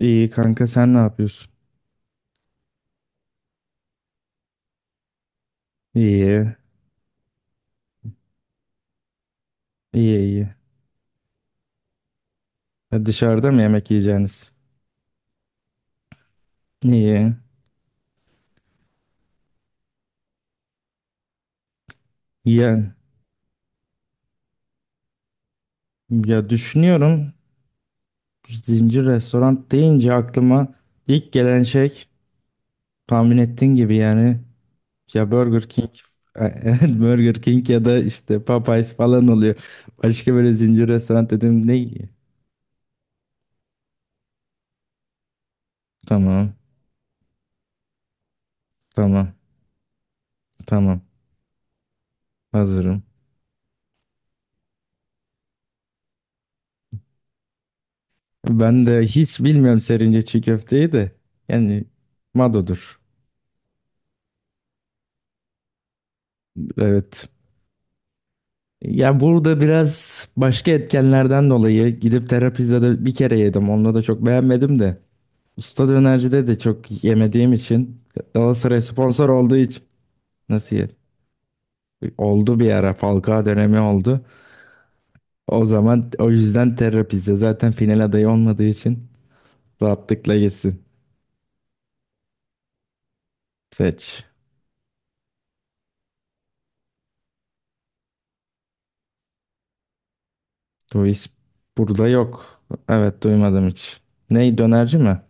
İyi kanka sen ne yapıyorsun? İyi, iyi iyi. Ya dışarıda mı yemek yiyeceğiniz? İyi. Ya, ya, düşünüyorum, zincir restoran deyince aklıma ilk gelen şey tahmin ettiğin gibi, yani ya Burger King. Evet, Burger King ya da işte Popeyes falan oluyor. Başka böyle zincir restoran dedim, ne iyi? Tamam, tamam, tamam, hazırım. Ben de hiç bilmiyorum serince çiğ köfteyi de, yani Mado'dur. Evet. Ya burada biraz başka etkenlerden dolayı gidip terapizde de bir kere yedim. Onunla da çok beğenmedim de. Usta dönercide de çok yemediğim için, Galatasaray sponsor olduğu için. Nasıl ye? Oldu, bir ara Falcao dönemi oldu. O zaman, o yüzden terapizde zaten final adayı olmadığı için rahatlıkla gitsin. Seç. Bu iş burada yok. Evet, duymadım hiç. Ney dönerci mi?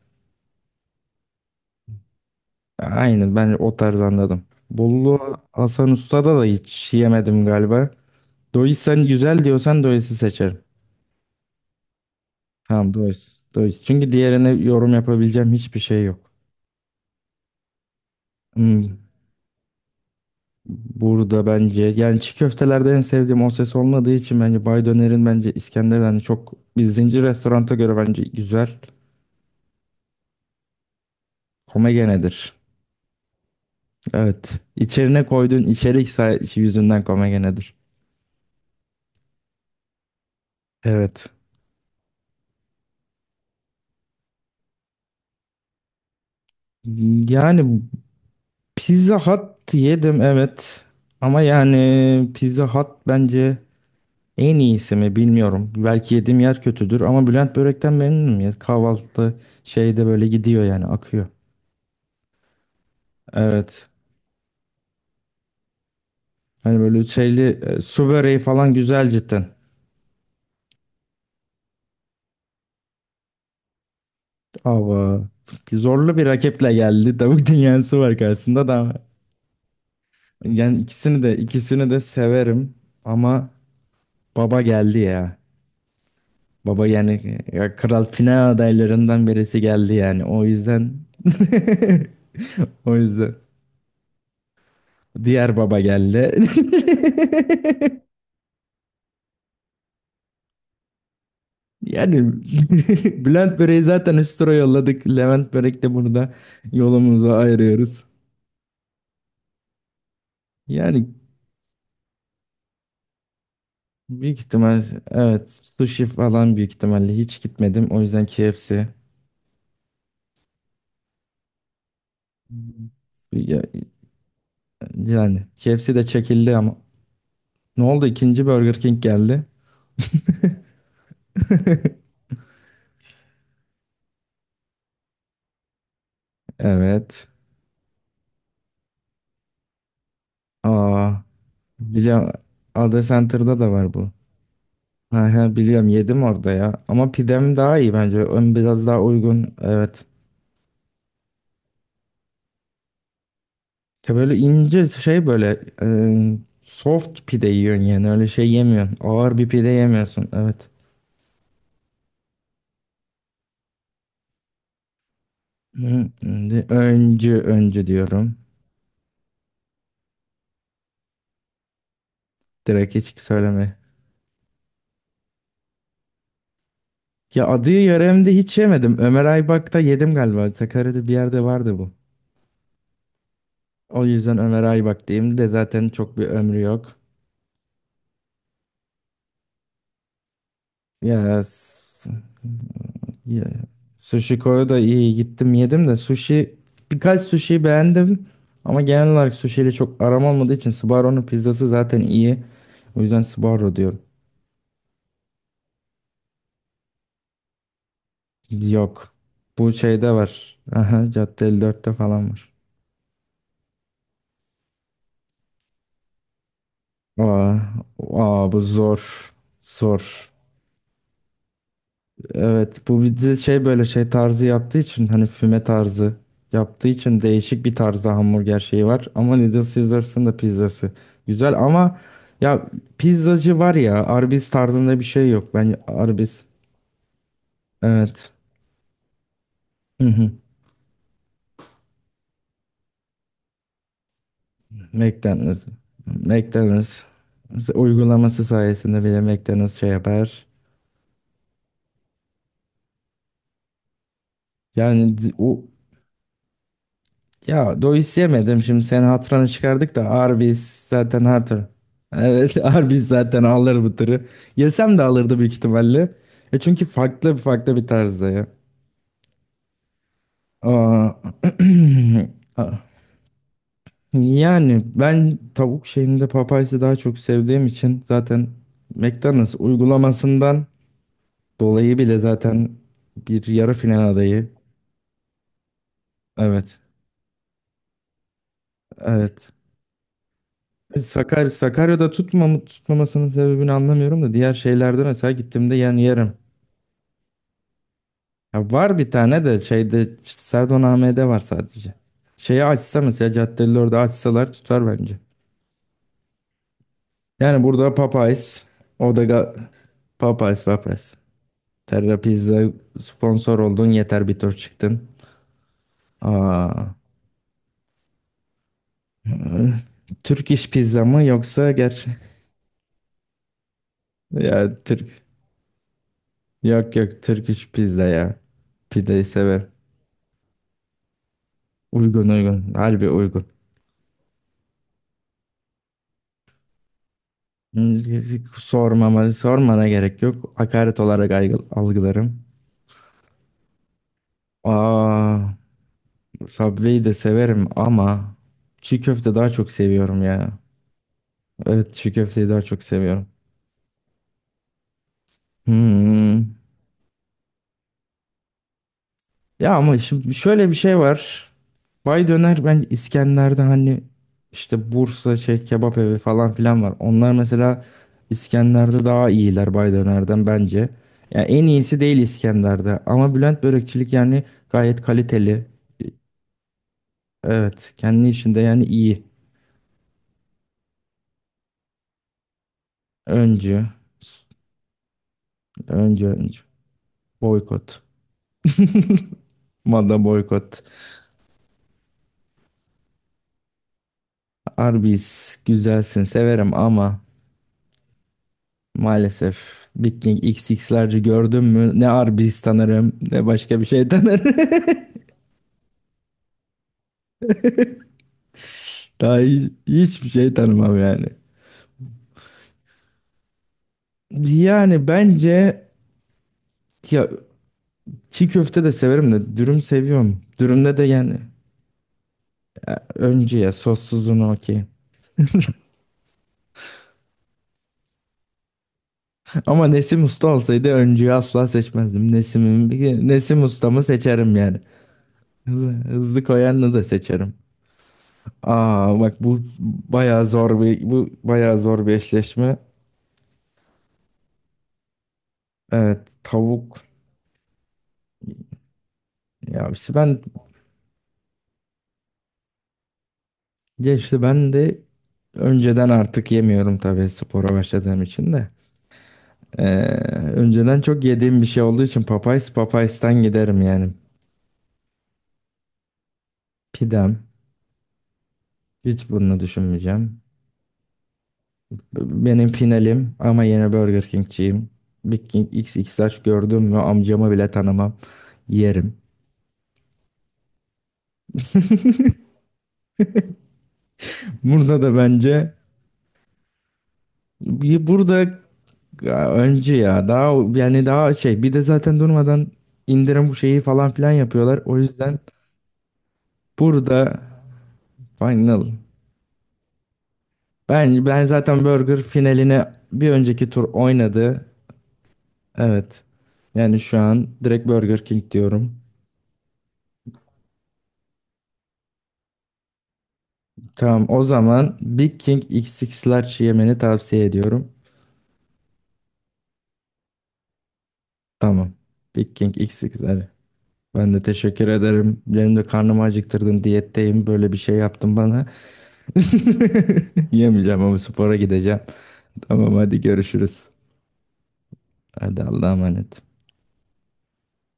Aynen, ben o tarz anladım. Bollu Hasan Usta'da da hiç yemedim galiba. Dois sen güzel diyorsan Dois'i seçerim. Tamam. Dois. Dois. Çünkü diğerine yorum yapabileceğim hiçbir şey yok. Hmm, Burada bence, yani çiğ köftelerde en sevdiğim o ses olmadığı için, bence Bay Döner'in, bence İskender'den hani çok, bir zincir restoranta göre bence güzel. Komegenedir. Evet. İçerine koyduğun içerik yüzünden komegenedir. Evet. Yani Pizza Hut yedim, evet. Ama yani Pizza Hut bence en iyisi mi bilmiyorum. Belki yediğim yer kötüdür, ama Bülent Börek'ten memnunum ya. Kahvaltı şeyde böyle gidiyor, yani akıyor. Evet. Hani böyle şeyli su böreği falan güzel cidden. Ama zorlu bir rakiple geldi. Tavuk dünyası var karşısında da. Yani ikisini de severim ama baba geldi ya. Baba, yani ya kral final adaylarından birisi geldi yani. O yüzden o yüzden diğer baba geldi. Yani Bülent Börek'i zaten üst tura yolladık. Levent Börek de burada yolumuzu ayırıyoruz. Yani büyük ihtimal, evet, sushi falan, büyük ihtimalle hiç gitmedim. O yüzden KFC. Ya- Yani KFC de çekildi ama. Ne oldu? İkinci Burger King geldi. Evet. Aa. Biliyorum. Ada Center'da da var bu. Ha, ha, biliyorum, yedim orada ya. Ama pidem daha iyi bence. Ön biraz daha uygun. Evet. Ya böyle ince şey, böyle soft pide yiyorsun yani. Öyle şey yemiyorsun. Ağır bir pide yemiyorsun. Evet. Hı, Şimdi öncü öncü diyorum. Direkt hiç söyleme. Ya adı yöremde hiç yemedim. Ömer Aybak'ta yedim galiba. Sakarya'da bir yerde vardı bu. O yüzden Ömer Aybak diyeyim, de zaten çok bir ömrü yok. Ya Ya, Sushi Ko'ya da iyi gittim, yedim de sushi, birkaç sushi beğendim, ama genel olarak sushi ile çok aram olmadığı için, Sbarro'nun pizzası zaten iyi. O yüzden Sbarro diyorum. Yok. Bu şeyde var. Aha, Cadde 54'te falan var. Aa, aa, bu zor. Zor. Evet, bu bizi şey, böyle şey tarzı yaptığı için, hani füme tarzı yaptığı için, değişik bir tarzda hamburger şeyi var. Ama Little Caesars'ın da pizzası güzel ama, ya pizzacı var ya, Arby's tarzında bir şey yok. Ben Arby's. Evet. Hı hı. McDonald's. McDonald's uygulaması sayesinde bile McDonald's şey yapar. Yani o. Ya Dois yemedim, şimdi senin hatırını çıkardık da, Arby's zaten hatır. Evet. Arby's zaten alır bu tırı. Yesem de alırdı büyük ihtimalle. E çünkü farklı farklı bir tarzda ya. Aa, ah, yani ben tavuk şeyinde Popeyes'i daha çok sevdiğim için, zaten McDonald's uygulamasından dolayı bile, zaten bir yarı final adayı. Evet. Evet. Sakarya'da tutmamasının sebebini anlamıyorum da, diğer şeylerde mesela gittiğimde yani yerim. Ya var bir tane de şeyde, işte Serdaname'de var sadece. Şeyi açsa, mesela caddeleri orada açsalar tutar bence. Yani burada Popeyes, o da ga- Popeyes, Popeyes. Terra Pizza sponsor oldun, yeter, bir tur çıktın. Aa, Türk iş pizza mı yoksa Ya Türk, yok yok, Türk iş pizza ya. Pideyi sever. Uygun, uygun. Harbi uygun. Sormana gerek yok. Hakaret olarak algılarım. Aa, Subway'i de severim ama çiğ köfte daha çok seviyorum ya. Evet, çiğ köfteyi daha çok seviyorum. Hmm. Ya ama şimdi şöyle bir şey var. Bay Döner, ben İskender'de hani işte Bursa şey kebap evi falan filan var. Onlar mesela İskender'de daha iyiler Bay Döner'den bence. Yani en iyisi değil İskender'de, ama Bülent Börekçilik yani gayet kaliteli. Evet. Kendi işinde yani iyi. Öncü. Önce öncü. Boykot. Moda boykot. Arby's güzelsin, severim ama maalesef Big King XX'lerci gördüm mü, ne Arby's tanırım ne başka bir şey tanırım. Daha hiçbir şey tanımam yani. Yani bence, ya çiğ köfte de severim de, dürüm seviyorum. Dürümde de yani öncü, ya sossuzunu okey. Ama Nesim Usta olsaydı öncüyü asla seçmezdim. Nesim Usta'mı seçerim yani. Hızlı, hızlı koyanını da seçerim. Aa, bak, bu bayağı zor bir, eşleşme. Evet, tavuk. Ya işte ben ya işte ben de önceden artık yemiyorum, tabii spora başladığım için de. Ee, önceden çok yediğim bir şey olduğu için, Popeyes'ten giderim yani. Pidem. Hiç bunu düşünmeyeceğim. Benim finalim ama, yine Burger King'ciyim. Big King X X XXL gördüm mü amcamı bile tanımam. Yerim. Burada da bence, burada ya önce ya daha, yani daha şey, bir de zaten durmadan indirim bu şeyi falan filan yapıyorlar. O yüzden burada final. Ben zaten Burger finaline bir önceki tur oynadı. Evet. Yani şu an direkt Burger King diyorum. Tamam, o zaman Big King X X Large yemeni tavsiye ediyorum. Tamam. Big King X8'ler. Ben de teşekkür ederim. Benim de karnımı acıktırdın. Diyetteyim. Böyle bir şey yaptın bana. Yemeyeceğim ama spora gideceğim. Tamam, hadi görüşürüz. Hadi Allah'a emanet.